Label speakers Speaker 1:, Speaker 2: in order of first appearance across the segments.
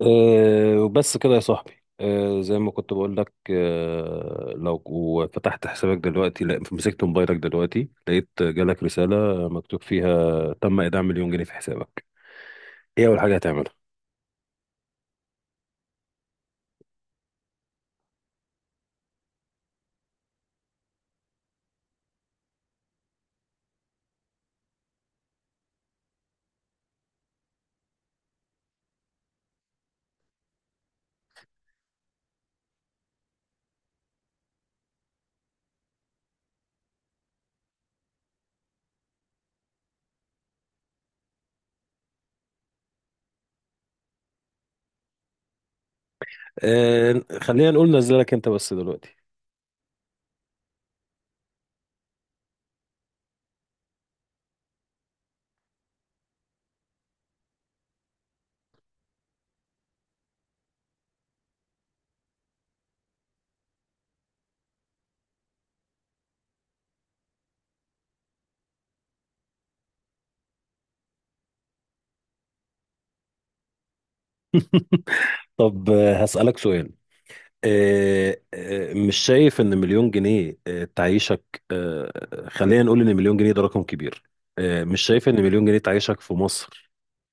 Speaker 1: وبس كده يا صاحبي. زي ما كنت بقول لك، لو فتحت حسابك دلوقتي، لا مسكت موبايلك دلوقتي، لقيت جالك رسالة مكتوب فيها تم إيداع مليون جنيه في حسابك. ايه أول حاجة هتعملها؟ خلينا نقول نزلك انت بس دلوقتي. طب، هسألك سؤال. أه أه مش شايف ان مليون جنيه تعيشك؟ خلينا نقول ان مليون جنيه ده رقم كبير. مش شايف ان مليون جنيه تعيشك في مصر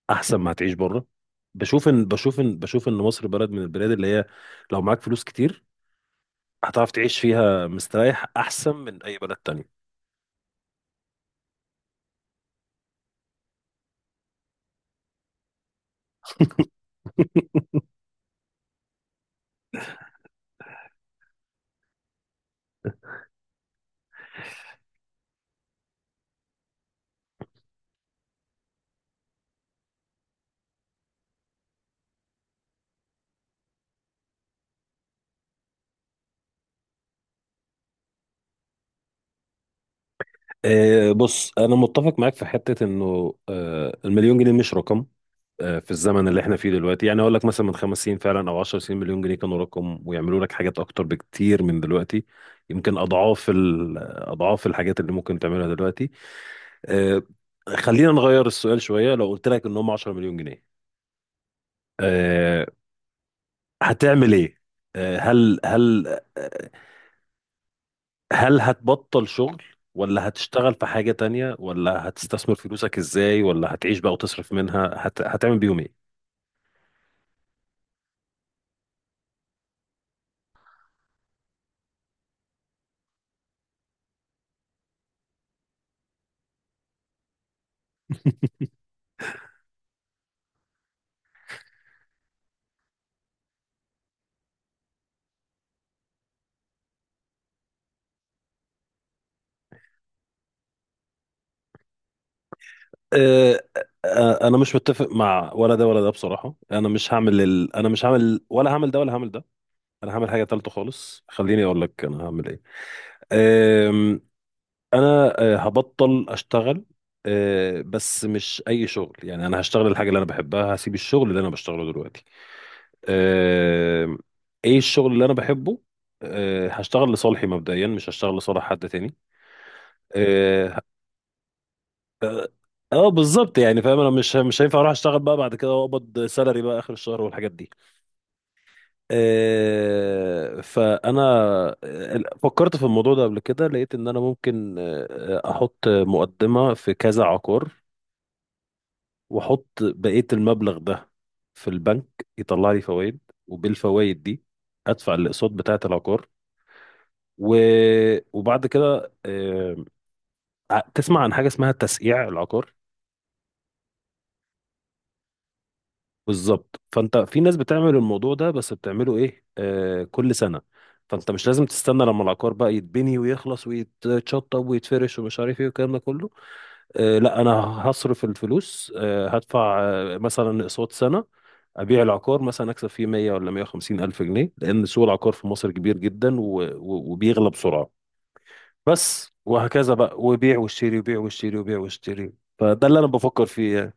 Speaker 1: احسن ما هتعيش بره؟ بشوف ان مصر بلد من البلاد اللي هي، لو معاك فلوس كتير، هتعرف تعيش فيها مستريح احسن من اي بلد تانية. بص، انا متفق معاك في حتة انه المليون جنيه مش رقم في الزمن اللي احنا فيه دلوقتي. يعني اقول لك مثلا من 5 سنين فعلا او 10 سنين مليون جنيه كانوا رقم، ويعملوا لك حاجات اكتر بكتير من دلوقتي. يمكن اضعاف اضعاف الحاجات اللي ممكن تعملها دلوقتي. أه خلينا نغير السؤال شوية، لو قلت لك ان هم 10 مليون جنيه، آه، هتعمل ايه؟ آه، هل هل آه، هل هتبطل شغل، ولا هتشتغل في حاجة تانية، ولا هتستثمر فلوسك ازاي، ولا هتعيش بقى وتصرف منها؟ هتعمل بيهم ايه؟ انا مش متفق مع ولا ده ولا ده بصراحة. انا مش هعمل، ولا هعمل ده، ولا هعمل ده. انا هعمل حاجة تالتة خالص. خليني اقول لك انا هعمل ايه. آم، انا هبطل اشتغل. بس مش اي شغل يعني، انا هشتغل الحاجة اللي انا بحبها، هسيب الشغل اللي انا بشتغله دلوقتي. آه، ايه الشغل اللي انا بحبه؟ هشتغل لصالحي مبدئيا، مش هشتغل لصالح حد تاني. اه، بالظبط يعني فاهم. انا مش هينفع اروح اشتغل بقى بعد كده واقبض سالري بقى اخر الشهر والحاجات دي. فانا فكرت في الموضوع ده قبل كده، لقيت ان انا ممكن احط مقدمة في كذا عقار، واحط بقية المبلغ ده في البنك يطلع لي فوائد، وبالفوائد دي ادفع الاقساط بتاعة العقار. و... وبعد كده، تسمع عن حاجه اسمها تسقيع العقار. بالظبط، فانت في ناس بتعمل الموضوع ده، بس بتعمله ايه؟ كل سنه. فانت مش لازم تستنى لما العقار بقى يتبني ويخلص ويتشطب ويتفرش ومش عارف ايه والكلام ده كله. لا، انا هصرف الفلوس، هدفع مثلا اقساط سنه، ابيع العقار، مثلا اكسب فيه 100 ولا 150 الف جنيه، لان سوق العقار في مصر كبير جدا وبيغلى بسرعه. بس وهكذا بقى، وبيع واشتري، وبيع واشتري، وبيع واشتري. فده اللي انا بفكر فيه يعني.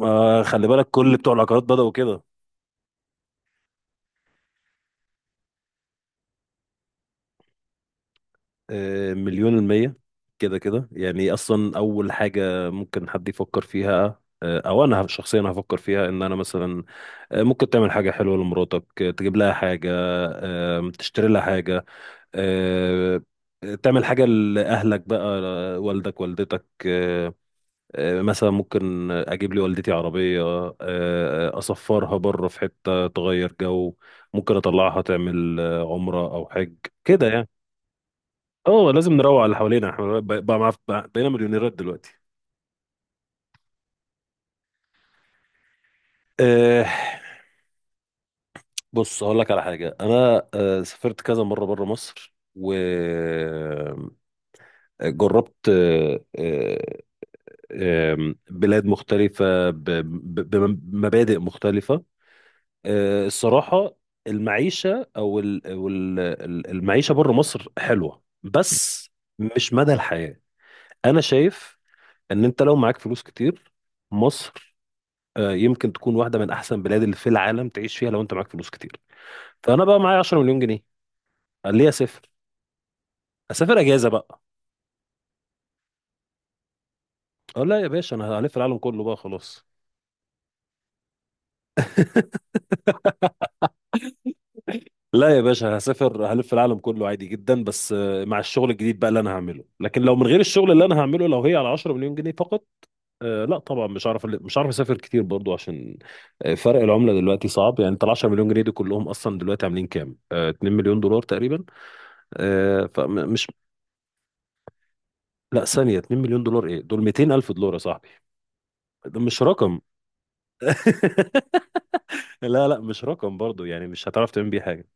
Speaker 1: ما خلي بالك، كل بتوع العقارات بدأوا كده. مليون المية كده كده يعني. اصلا اول حاجة ممكن حد يفكر فيها او انا شخصيا هفكر فيها، ان انا مثلا ممكن تعمل حاجة حلوة لمراتك، تجيب لها حاجة، تشتري لها حاجة، آه، تعمل حاجة لأهلك بقى، والدك والدتك. مثلا ممكن اجيب لي والدتي عربيه، اسفرها بره في حته تغير جو، ممكن اطلعها تعمل عمره او حج. كده يعني. اه، لازم نروق على اللي حوالينا، احنا بقينا مليونيرات دلوقتي. آه، بص هقول لك على حاجه. انا سافرت كذا مره بره مصر، وجربت بلاد مختلفه بمبادئ مختلفه. الصراحة، المعيشة أو ال- أو ال- ال- المعيشة بره مصر حلوة، بس مش مدى الحياة. أنا شايف إن أنت لو معاك فلوس كتير، مصر يمكن تكون واحدة من أحسن بلاد اللي في العالم تعيش فيها لو أنت معاك فلوس كتير. فأنا بقى معايا 10 مليون جنيه، قال لي أسافر. أجازة بقى؟ أقول لا يا باشا، أنا هلف العالم كله بقى خلاص. لا يا باشا، هسافر هلف العالم كله عادي جدا. بس مع الشغل الجديد بقى اللي أنا هعمله، لكن لو من غير الشغل اللي أنا هعمله، لو هي على 10 مليون جنيه فقط، لا طبعا، مش عارف اسافر كتير برضو، عشان فرق العمله دلوقتي صعب. يعني انت ال 10 مليون جنيه دي كلهم اصلا دلوقتي عاملين كام؟ 2 مليون دولار تقريبا. آه، فمش لا، ثانيه، 2 مليون دولار ايه؟ دول 200 الف دولار يا صاحبي، ده مش رقم. لا لا، مش رقم برضو يعني، مش هتعرف تعمل بيه حاجه.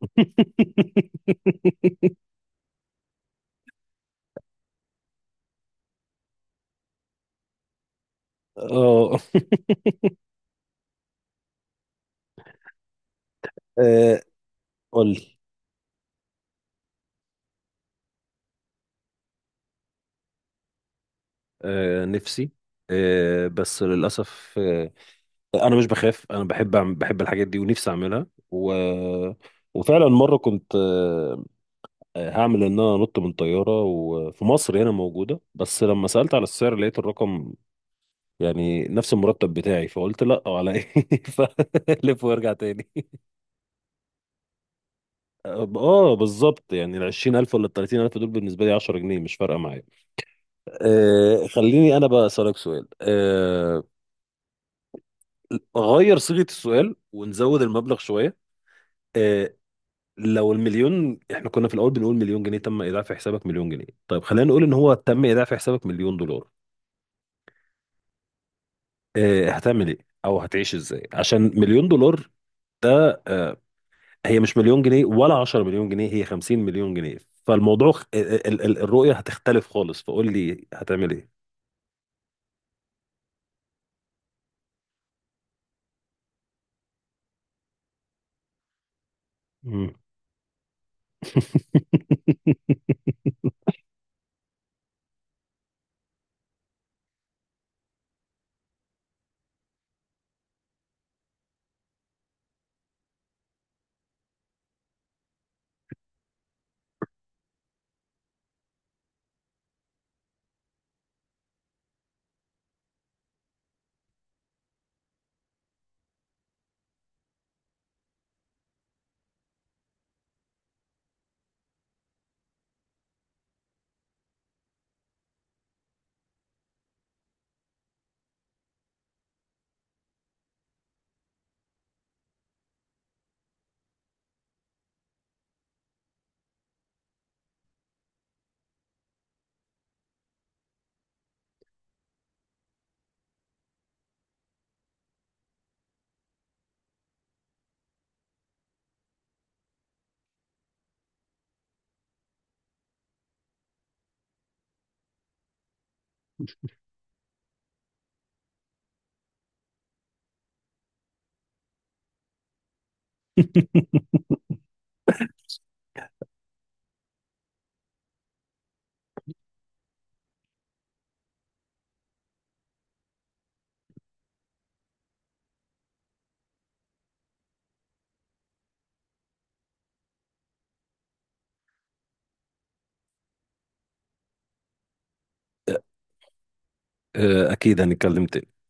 Speaker 1: اه، آه، قول لي. نفسي، بس للاسف، انا مش بخاف، انا بحب أعمل، بحب الحاجات دي ونفسي اعملها. وفعلا مره كنت هعمل ان انا انط من طياره، وفي مصر هنا موجوده، بس لما سالت على السعر لقيت الرقم يعني نفس المرتب بتاعي، فقلت لا، على ايه؟ فلف وارجع تاني. اه بالظبط يعني، ال 20000 ولا ال 30000 دول بالنسبه لي 10 جنيه، مش فارقه معايا. خليني انا بقى اسالك سؤال. غير صيغه السؤال ونزود المبلغ شويه. آه، لو المليون، احنا كنا في الاول بنقول مليون جنيه تم ايداع في حسابك مليون جنيه، طيب خلينا نقول ان هو تم ايداع في حسابك مليون دولار. اه، هتعمل ايه؟ او هتعيش ازاي؟ عشان مليون دولار ده، هي مش مليون جنيه ولا 10 مليون جنيه، هي 50 مليون جنيه. فالموضوع الرؤية هتختلف خالص، فقول لي هتعمل ايه. مم. اكيد هنتكلم تاني.